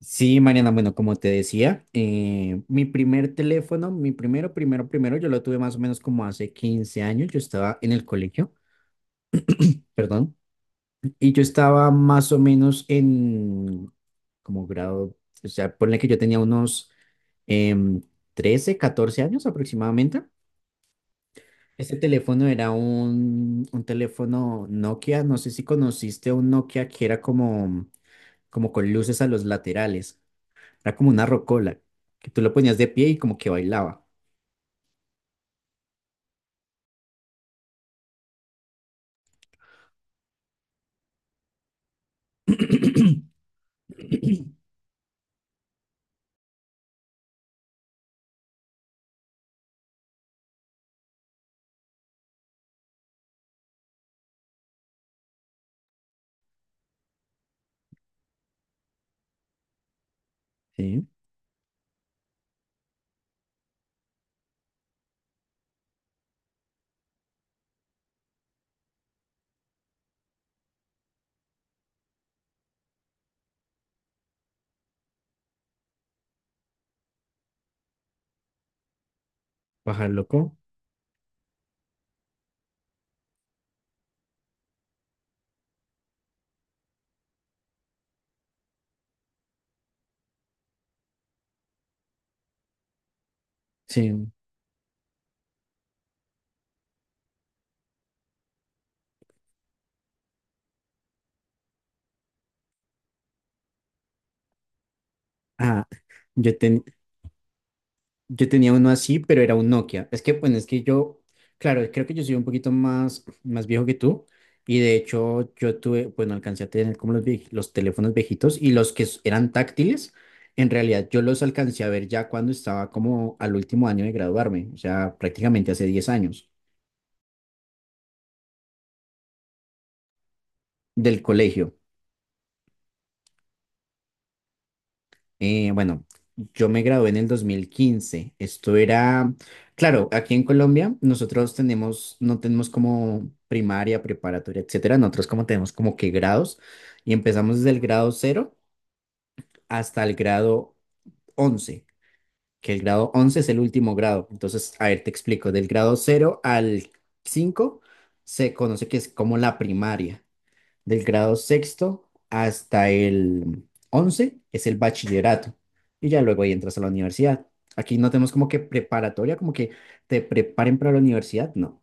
Sí, Mariana, bueno, como te decía, mi primer teléfono, mi primero, primero, primero, yo lo tuve más o menos como hace 15 años. Yo estaba en el colegio, perdón, y yo estaba más o menos en como grado. O sea, ponle que yo tenía unos em, 13, 14 años aproximadamente. Este teléfono era un teléfono Nokia. No sé si conociste un Nokia que era como con luces a los laterales. Era como una rocola, que tú lo ponías de pie y como que bailaba. Sí, pájaro loco. Sí. Ah, yo, ten- yo tenía uno así, pero era un Nokia. Es que, bueno, es que yo, claro, creo que yo soy un poquito más viejo que tú. Y de hecho, yo tuve, bueno, alcancé a tener como los teléfonos viejitos y los que eran táctiles. En realidad yo los alcancé a ver ya cuando estaba como al último año de graduarme, o sea, prácticamente hace 10 años del colegio. Bueno, yo me gradué en el 2015. Esto era, claro, aquí en Colombia nosotros tenemos, no tenemos como primaria, preparatoria, etcétera. Nosotros como tenemos como que grados y empezamos desde el grado cero hasta el grado 11, que el grado 11 es el último grado. Entonces, a ver, te explico, del grado cero al 5 se conoce que es como la primaria. Del grado sexto hasta el once es el bachillerato y ya luego ahí entras a la universidad. Aquí no tenemos como que preparatoria, como que te preparen para la universidad, no.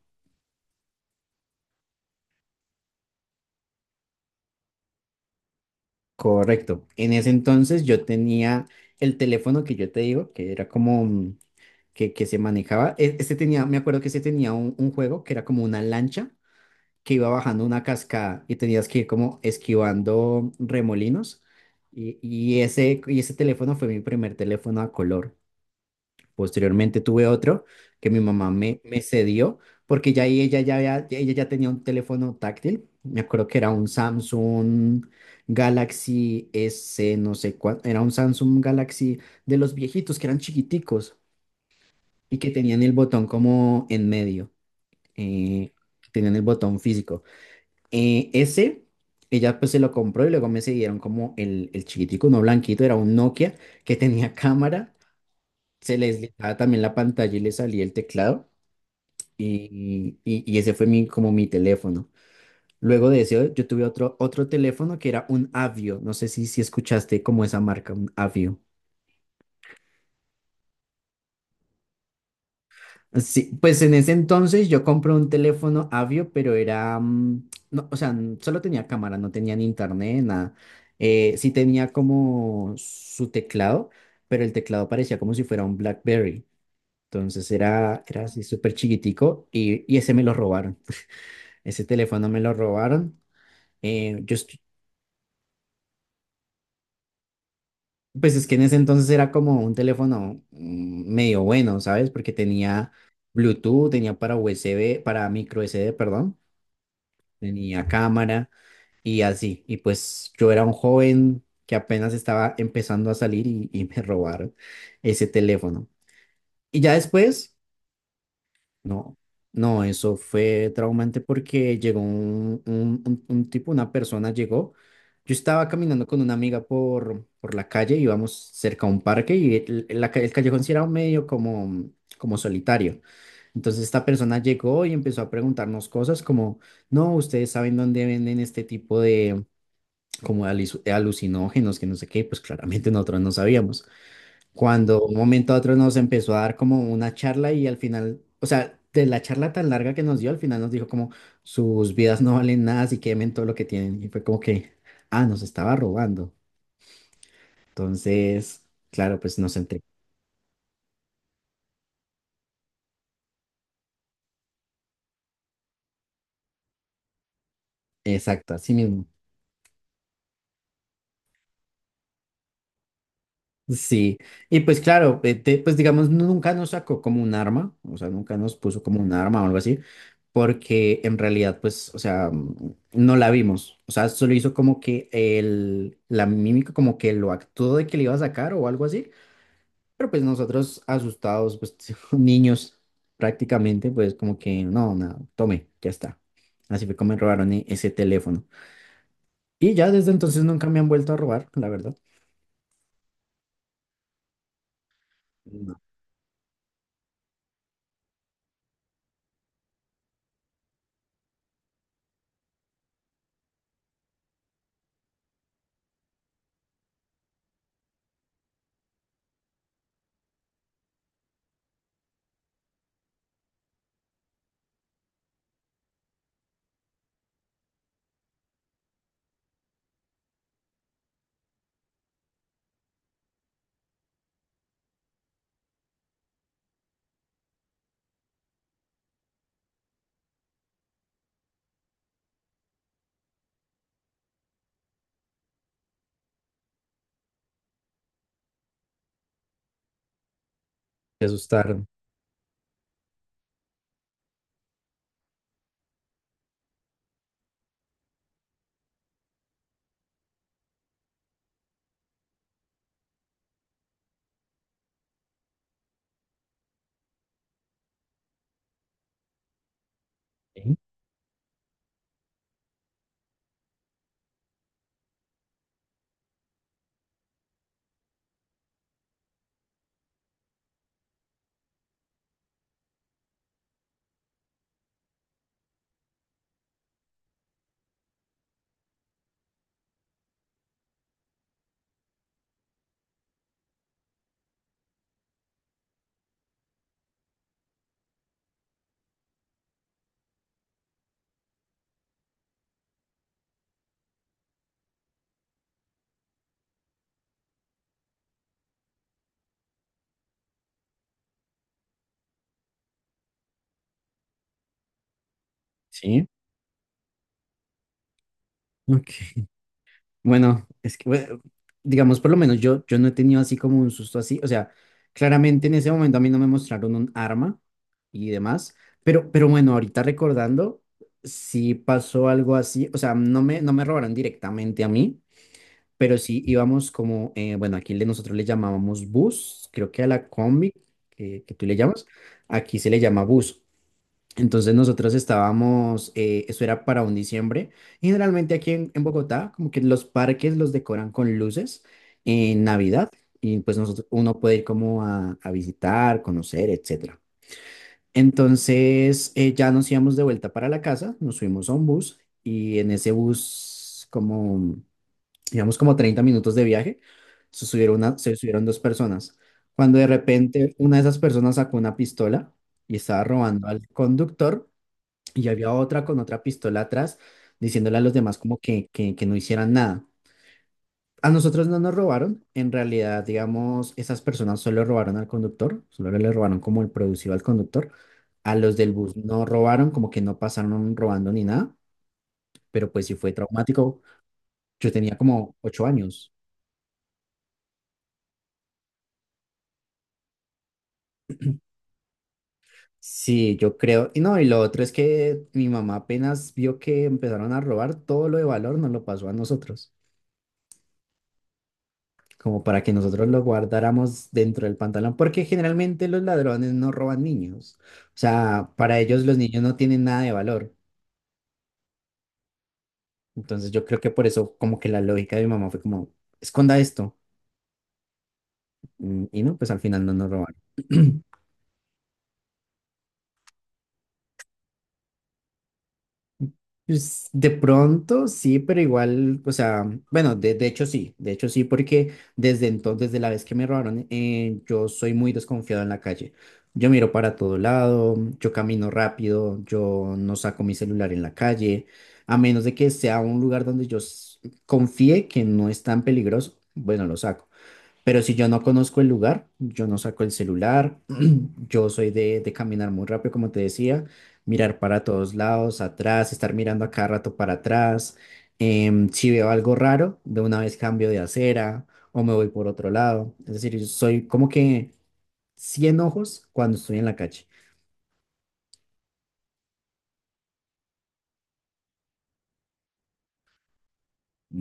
Correcto. En ese entonces yo tenía el teléfono que yo te digo, que era como que se manejaba. Este tenía, me acuerdo que este tenía un juego que era como una lancha que iba bajando una cascada y tenías que ir como esquivando remolinos. Y ese teléfono fue mi primer teléfono a color. Posteriormente tuve otro que mi mamá me cedió, porque ya ahí ella ya tenía un teléfono táctil. Me acuerdo que era un Samsung Galaxy S, no sé cuánto. Era un Samsung Galaxy de los viejitos que eran chiquiticos y que tenían el botón como en medio. eh, tenían el botón físico. Ese, ella pues se lo compró y luego me cedieron como el chiquitico, no blanquito, era un Nokia que tenía cámara. Se les daba también la pantalla y le salía el teclado. Y y ese fue mi, como mi teléfono. Luego de ese, yo tuve otro teléfono que era un Avio. No sé si escuchaste como esa marca, un Avio. Sí, pues en ese entonces yo compré un teléfono Avio, pero era, no, o sea, solo tenía cámara, no tenía ni internet, nada. Sí tenía como su teclado, pero el teclado parecía como si fuera un BlackBerry. Entonces era así súper chiquitico, y ese me lo robaron. Ese teléfono me lo robaron. Eh, yo, est- Pues es que en ese entonces era como un teléfono medio bueno, ¿sabes? Porque tenía Bluetooth, tenía para USB, para micro SD, perdón, tenía cámara y así. Y pues yo era un joven que apenas estaba empezando a salir, y me robaron ese teléfono. Y ya después no, no, eso fue traumante, porque llegó un tipo, una persona llegó. Yo estaba caminando con una amiga por la calle, íbamos cerca a un parque y el callejón sí era medio como solitario. Entonces esta persona llegó y empezó a preguntarnos cosas como, no, ustedes saben dónde venden este tipo de como de alucinógenos, que no sé qué, pues claramente nosotros no sabíamos, cuando un momento a otro nos empezó a dar como una charla, y al final, o sea, de la charla tan larga que nos dio, al final nos dijo como sus vidas no valen nada, así que quemen todo lo que tienen. Y fue como que, ah, nos estaba robando. Entonces, claro, pues nos enteramos. Exacto, así mismo. Sí, y pues claro, pues digamos, no, nunca nos sacó como un arma, o sea, nunca nos puso como un arma o algo así, porque en realidad, pues, o sea, no la vimos, o sea, solo hizo como que la mímica, como que lo actuó de que le iba a sacar o algo así, pero pues nosotros asustados, pues niños prácticamente, pues como que no, nada, tome, ya está. Así fue como me robaron ese teléfono. Y ya desde entonces nunca me han vuelto a robar, la verdad. No, se asustaron. Sí. Sí. Ok. Bueno, es que, bueno, digamos, por lo menos yo no he tenido así como un susto así. O sea, claramente en ese momento a mí no me mostraron un arma y demás, pero, bueno, ahorita recordando, sí pasó algo así. O sea, no me robaron directamente a mí, pero sí íbamos como, bueno, aquí le, nosotros le llamábamos bus, creo que a la combi que tú le llamas, aquí se le llama bus. Entonces nosotros estábamos, eso era para un diciembre, y generalmente aquí en Bogotá, como que los parques los decoran con luces en Navidad, y pues nosotros, uno puede ir como a visitar, conocer, etcétera. Entonces ya nos íbamos de vuelta para la casa, nos subimos a un bus, y en ese bus, como, digamos, como 30 minutos de viaje, se subieron dos personas. Cuando de repente una de esas personas sacó una pistola y estaba robando al conductor, y había otra con otra pistola atrás, diciéndole a los demás como que no hicieran nada. A nosotros no nos robaron, en realidad, digamos, esas personas solo robaron al conductor, solo le robaron como el producido al conductor. A los del bus no robaron, como que no pasaron robando ni nada, pero pues sí fue traumático. Yo tenía como 8 años. Sí, yo creo. Y no, y lo otro es que mi mamá, apenas vio que empezaron a robar, todo lo de valor nos lo pasó a nosotros, como para que nosotros lo guardáramos dentro del pantalón, porque generalmente los ladrones no roban niños. O sea, para ellos los niños no tienen nada de valor. Entonces yo creo que por eso como que la lógica de mi mamá fue como, esconda esto. Y no, pues al final no nos robaron. Pues, de pronto sí, pero igual, o sea, bueno, de hecho sí, de hecho sí, porque desde entonces, desde la vez que me robaron, yo soy muy desconfiado en la calle. Yo miro para todo lado, yo camino rápido, yo no saco mi celular en la calle, a menos de que sea un lugar donde yo confíe que no es tan peligroso, bueno, lo saco. Pero si yo no conozco el lugar, yo no saco el celular. Yo soy de caminar muy rápido, como te decía, mirar para todos lados, atrás, estar mirando a cada rato para atrás. Si veo algo raro, de una vez cambio de acera o me voy por otro lado. Es decir, yo soy como que 100 ojos cuando estoy en la calle.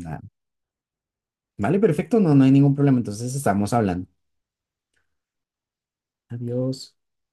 Ah, vale, perfecto, no, no hay ningún problema. Entonces estamos hablando. Adiós.